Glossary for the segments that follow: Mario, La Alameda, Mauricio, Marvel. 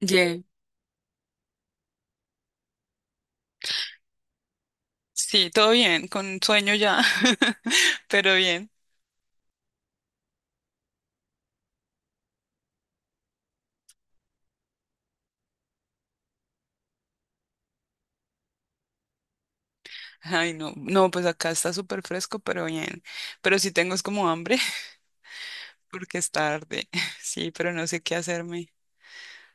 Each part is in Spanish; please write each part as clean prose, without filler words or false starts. Bien. Sí, todo bien, con sueño ya, pero bien. Ay, no, no, pues acá está súper fresco, pero bien. Pero sí tengo es como hambre, porque es tarde. Sí, pero no sé qué hacerme.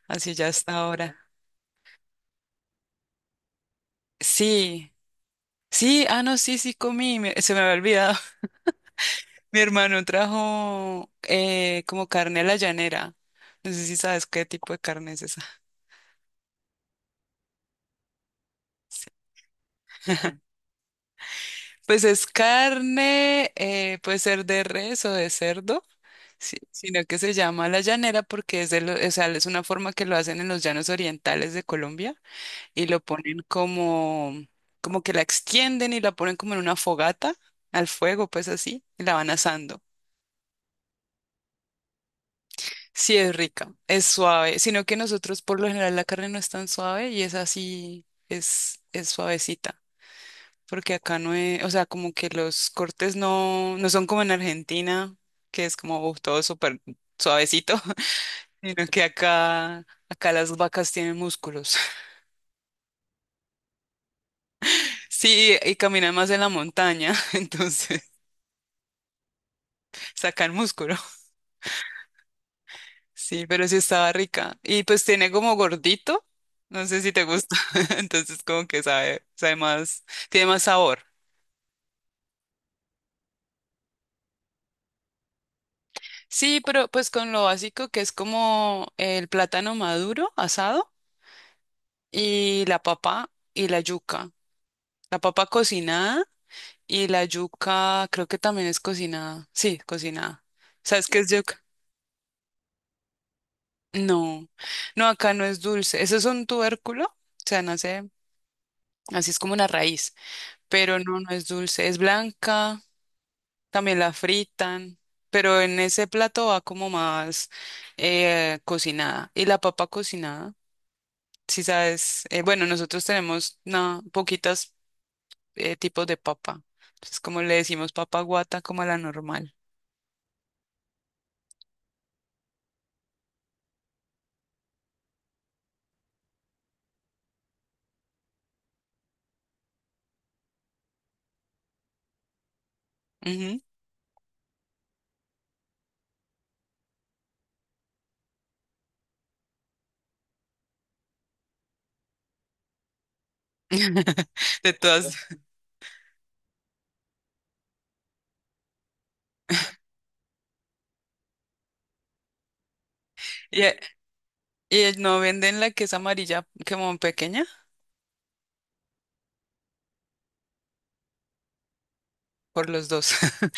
Así ya está ahora. Sí, sí, no, sí, sí comí, me- se me había olvidado. Mi hermano trajo como carne a la llanera. No sé si sabes qué tipo de carne es esa. Sí. Pues es carne, puede ser de res o de cerdo. Sí, sino que se llama la llanera porque es de lo- o sea, es una forma que lo hacen en los llanos orientales de Colombia y lo ponen como, como que la extienden y la ponen como en una fogata al fuego, pues así, y la van asando. Sí, es rica, es suave, sino que nosotros por lo general la carne no es tan suave y es así, es suavecita, porque acá no es, o sea, como que los cortes no, no son como en Argentina, que es como uf, todo súper suavecito. Sino que acá las vacas tienen músculos. Sí, y caminan más en la montaña, entonces sacan músculo. Sí, pero sí estaba rica. Y pues tiene como gordito, no sé si te gusta, entonces como que sabe, sabe más, tiene más sabor. Sí, pero pues con lo básico que es como el plátano maduro asado y la papa y la yuca. La papa cocinada y la yuca creo que también es cocinada. Sí, cocinada. ¿Sabes qué es yuca? No, no, acá no es dulce. Eso es un tubérculo, o sea, nace, así es como una raíz, pero no, no es dulce. Es blanca, también la fritan, pero en ese plato va como más cocinada. Y la papa cocinada, si sabes, bueno, nosotros tenemos na- poquitas tipos de papa. Entonces, como le decimos papa guata, como a la normal. Ujú. De todas. Y, eh, y no venden la que es amarilla, como pequeña, por los dos.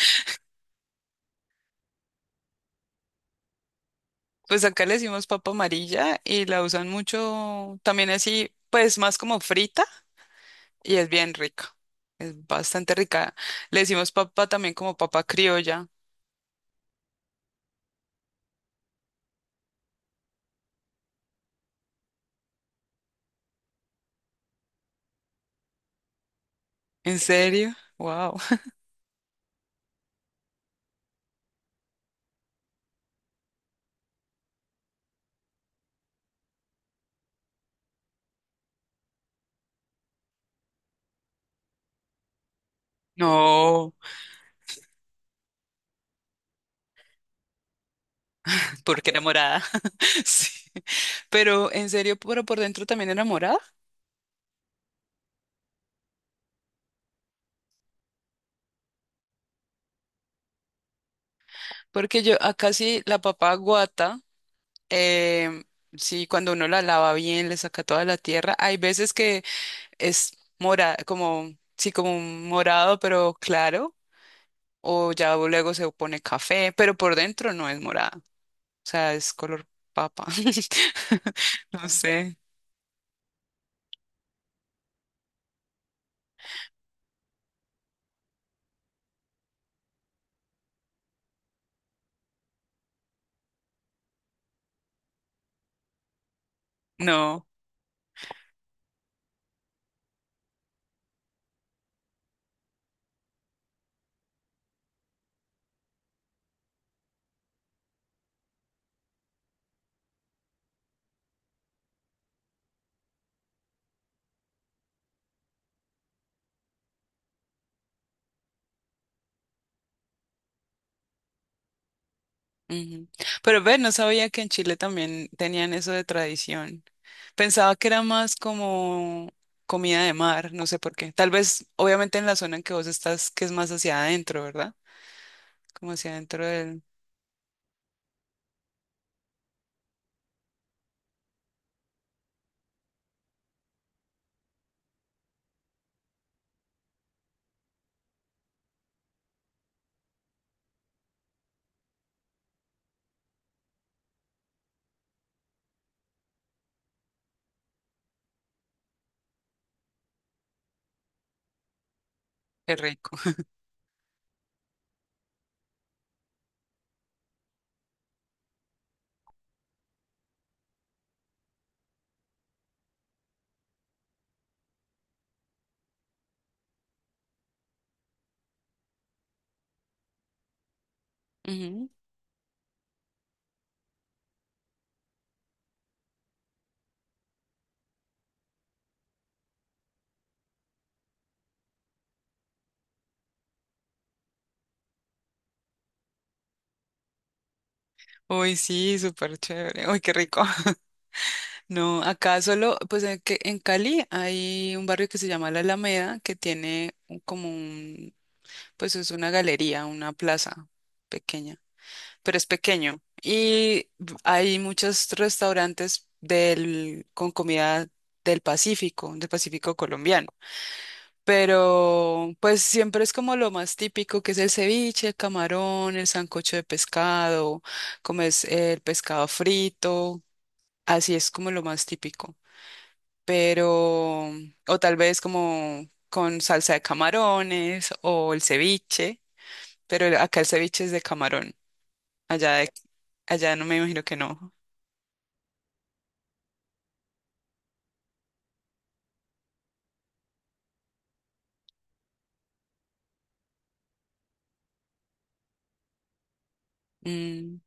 Pues acá le decimos papa amarilla y la usan mucho también así, pues más como frita y es bien rica. Es bastante rica. Le decimos papa también como papa criolla. ¿En serio? Wow. No, porque era morada. Sí. Pero en serio, pero por dentro también era morada. Porque yo acá sí la papa guata, em, sí, cuando uno la lava bien, le saca toda la tierra. Hay veces que es morada, como, sí, como un morado, pero claro, o ya luego se pone café, pero por dentro no es morada, o sea, es color papa. No sé, no. Ujú. Pero ve, no sabía que en Chile también tenían eso de tradición. Pensaba que era más como comida de mar, no sé por qué. Tal vez, obviamente, en la zona en que vos estás, que es más hacia adentro, ¿verdad? Como hacia adentro del... Qué rico. Ujú. Uy, sí, súper chévere. Uy, qué rico. No, acá solo, pues en, que- en Cali hay un barrio que se llama La Alameda, que tiene un- como un, pues es una galería, una plaza pequeña, pero es pequeño. Y b- hay muchos restaurantes del, con comida del Pacífico colombiano. Pero pues siempre es como lo más típico, que es el ceviche, el camarón, el sancocho de pescado, como es el pescado frito, así es como lo más típico pero, o tal vez como con salsa de camarones o el ceviche, pero el- acá el ceviche es de camarón, allá, de- allá no me imagino que no. Mm,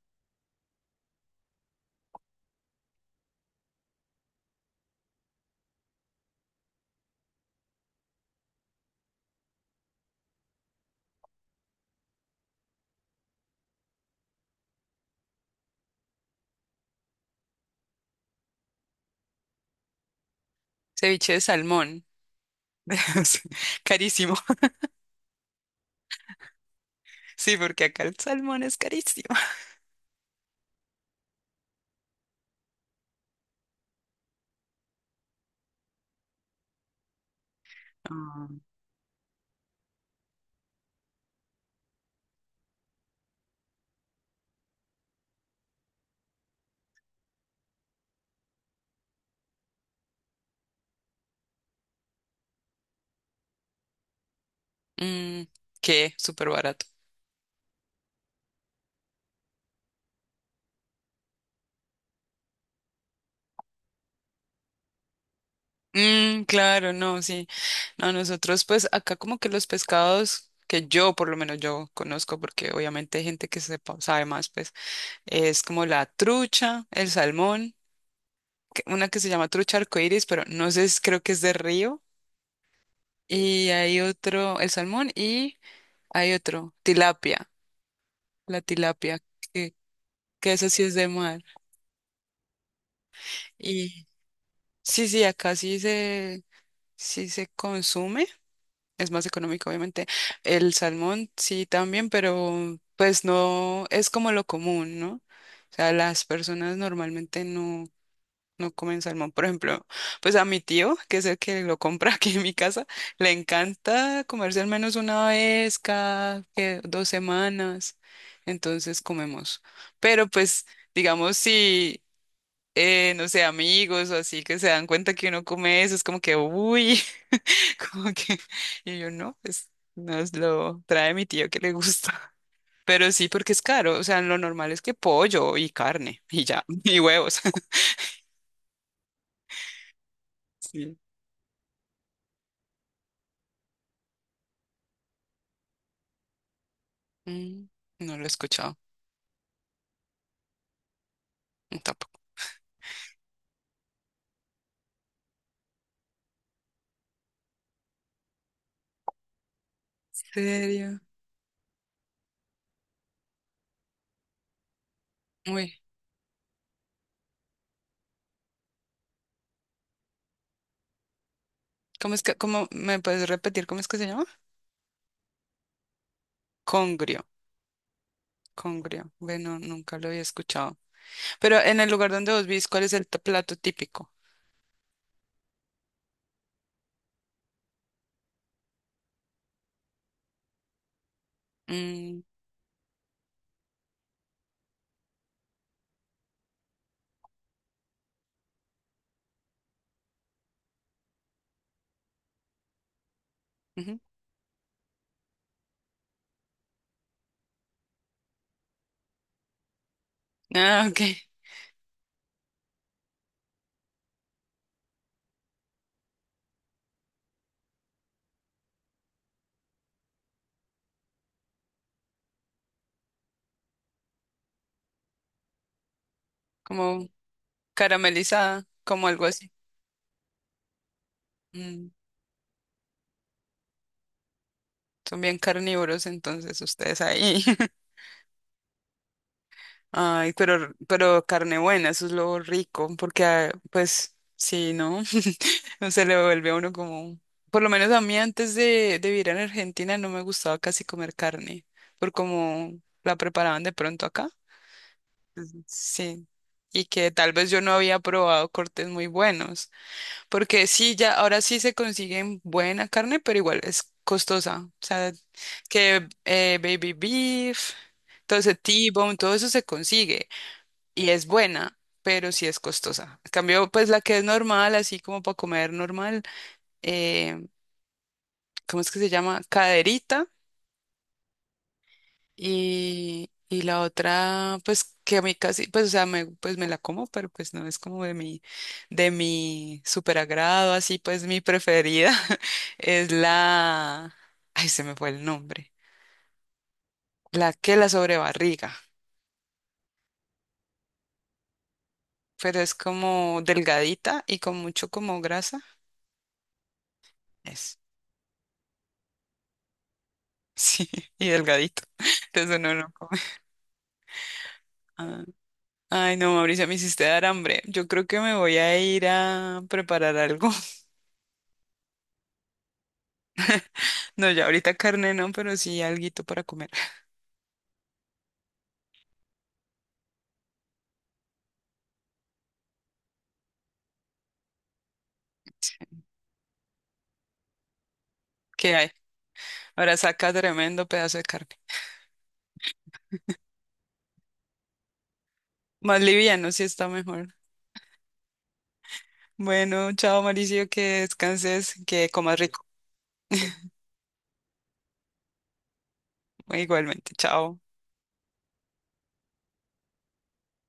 ceviche de salmón, es carísimo, sí, porque acá el salmón es carísimo. Ah. Mm, ¿qué? Súper barato. Mm, claro, no, sí. No, nosotros pues acá como que los pescados que yo por lo menos yo conozco porque obviamente hay gente que sepa, sabe más pues es como la trucha, el salmón, que- una que se llama trucha arcoíris, pero no sé, es- creo que es de río. Y hay otro, el salmón, y hay otro, tilapia, la tilapia, que, que esa sí es de mar. Y sí, sí, acá sí se consume, es más económico, obviamente. El salmón sí también, pero pues no es como lo común, ¿no? O sea, las personas normalmente no, no comen salmón. Por ejemplo, pues a mi tío, que es el que lo compra aquí en mi casa, le encanta comerse al menos una vez cada que, 2 semanas. Entonces comemos. Pero pues, digamos, si, no sé, amigos o así que se dan cuenta que uno come eso, es como que, uy, como que, y yo no, pues nos lo trae mi tío que le gusta. Pero sí, porque es caro. O sea, lo normal es que pollo y carne y ya, y huevos. Sí. Mm, no lo he escuchado, no, tampoco. ¿En serio? Uy, ¿cómo es que, cómo me puedes repetir cómo es que se llama? Congrio, congrio. Bueno, nunca lo había escuchado. Pero en el lugar donde vos vivís, ¿cuál es el t- plato típico? Mm, ujú. Ah, ok. Como caramelizada, como algo así. Mm, son bien carnívoros entonces ustedes ahí. Ay, pero carne buena, eso es lo rico, porque ah, pues sí, ¿no? No se le vuelve a uno como, por lo menos a mí antes de vivir en Argentina no me gustaba casi comer carne, por como la preparaban de pronto acá. Ujú. Sí. Y que tal vez yo no había probado cortes muy buenos, porque sí, ya ahora sí se consiguen buena carne, pero igual es costosa. O sea, que baby beef, todo ese T-bone, todo eso se consigue y es buena, pero sí es costosa. En cambio, pues la que es normal, así como para comer normal, eh, ¿cómo es que se llama? Caderita y la otra, pues que a mí casi, pues o sea, me, pues me la como, pero pues no es como de mi super agrado, así pues mi preferida es la, ay, se me fue el nombre, la que la sobrebarriga, pero es como delgadita y con mucho como grasa. Sí, y delgadito. Entonces uno no come. Ah, ay, no, Mauricio, me hiciste dar hambre. Yo creo que me voy a ir a preparar algo. No, ya ahorita carne no, pero sí alguito para comer. Sí, ¿qué hay? Ahora saca tremendo pedazo de carne. Más liviano, sí está mejor. Bueno, chao, Mauricio, que descanses, que comas rico. Igualmente, chao.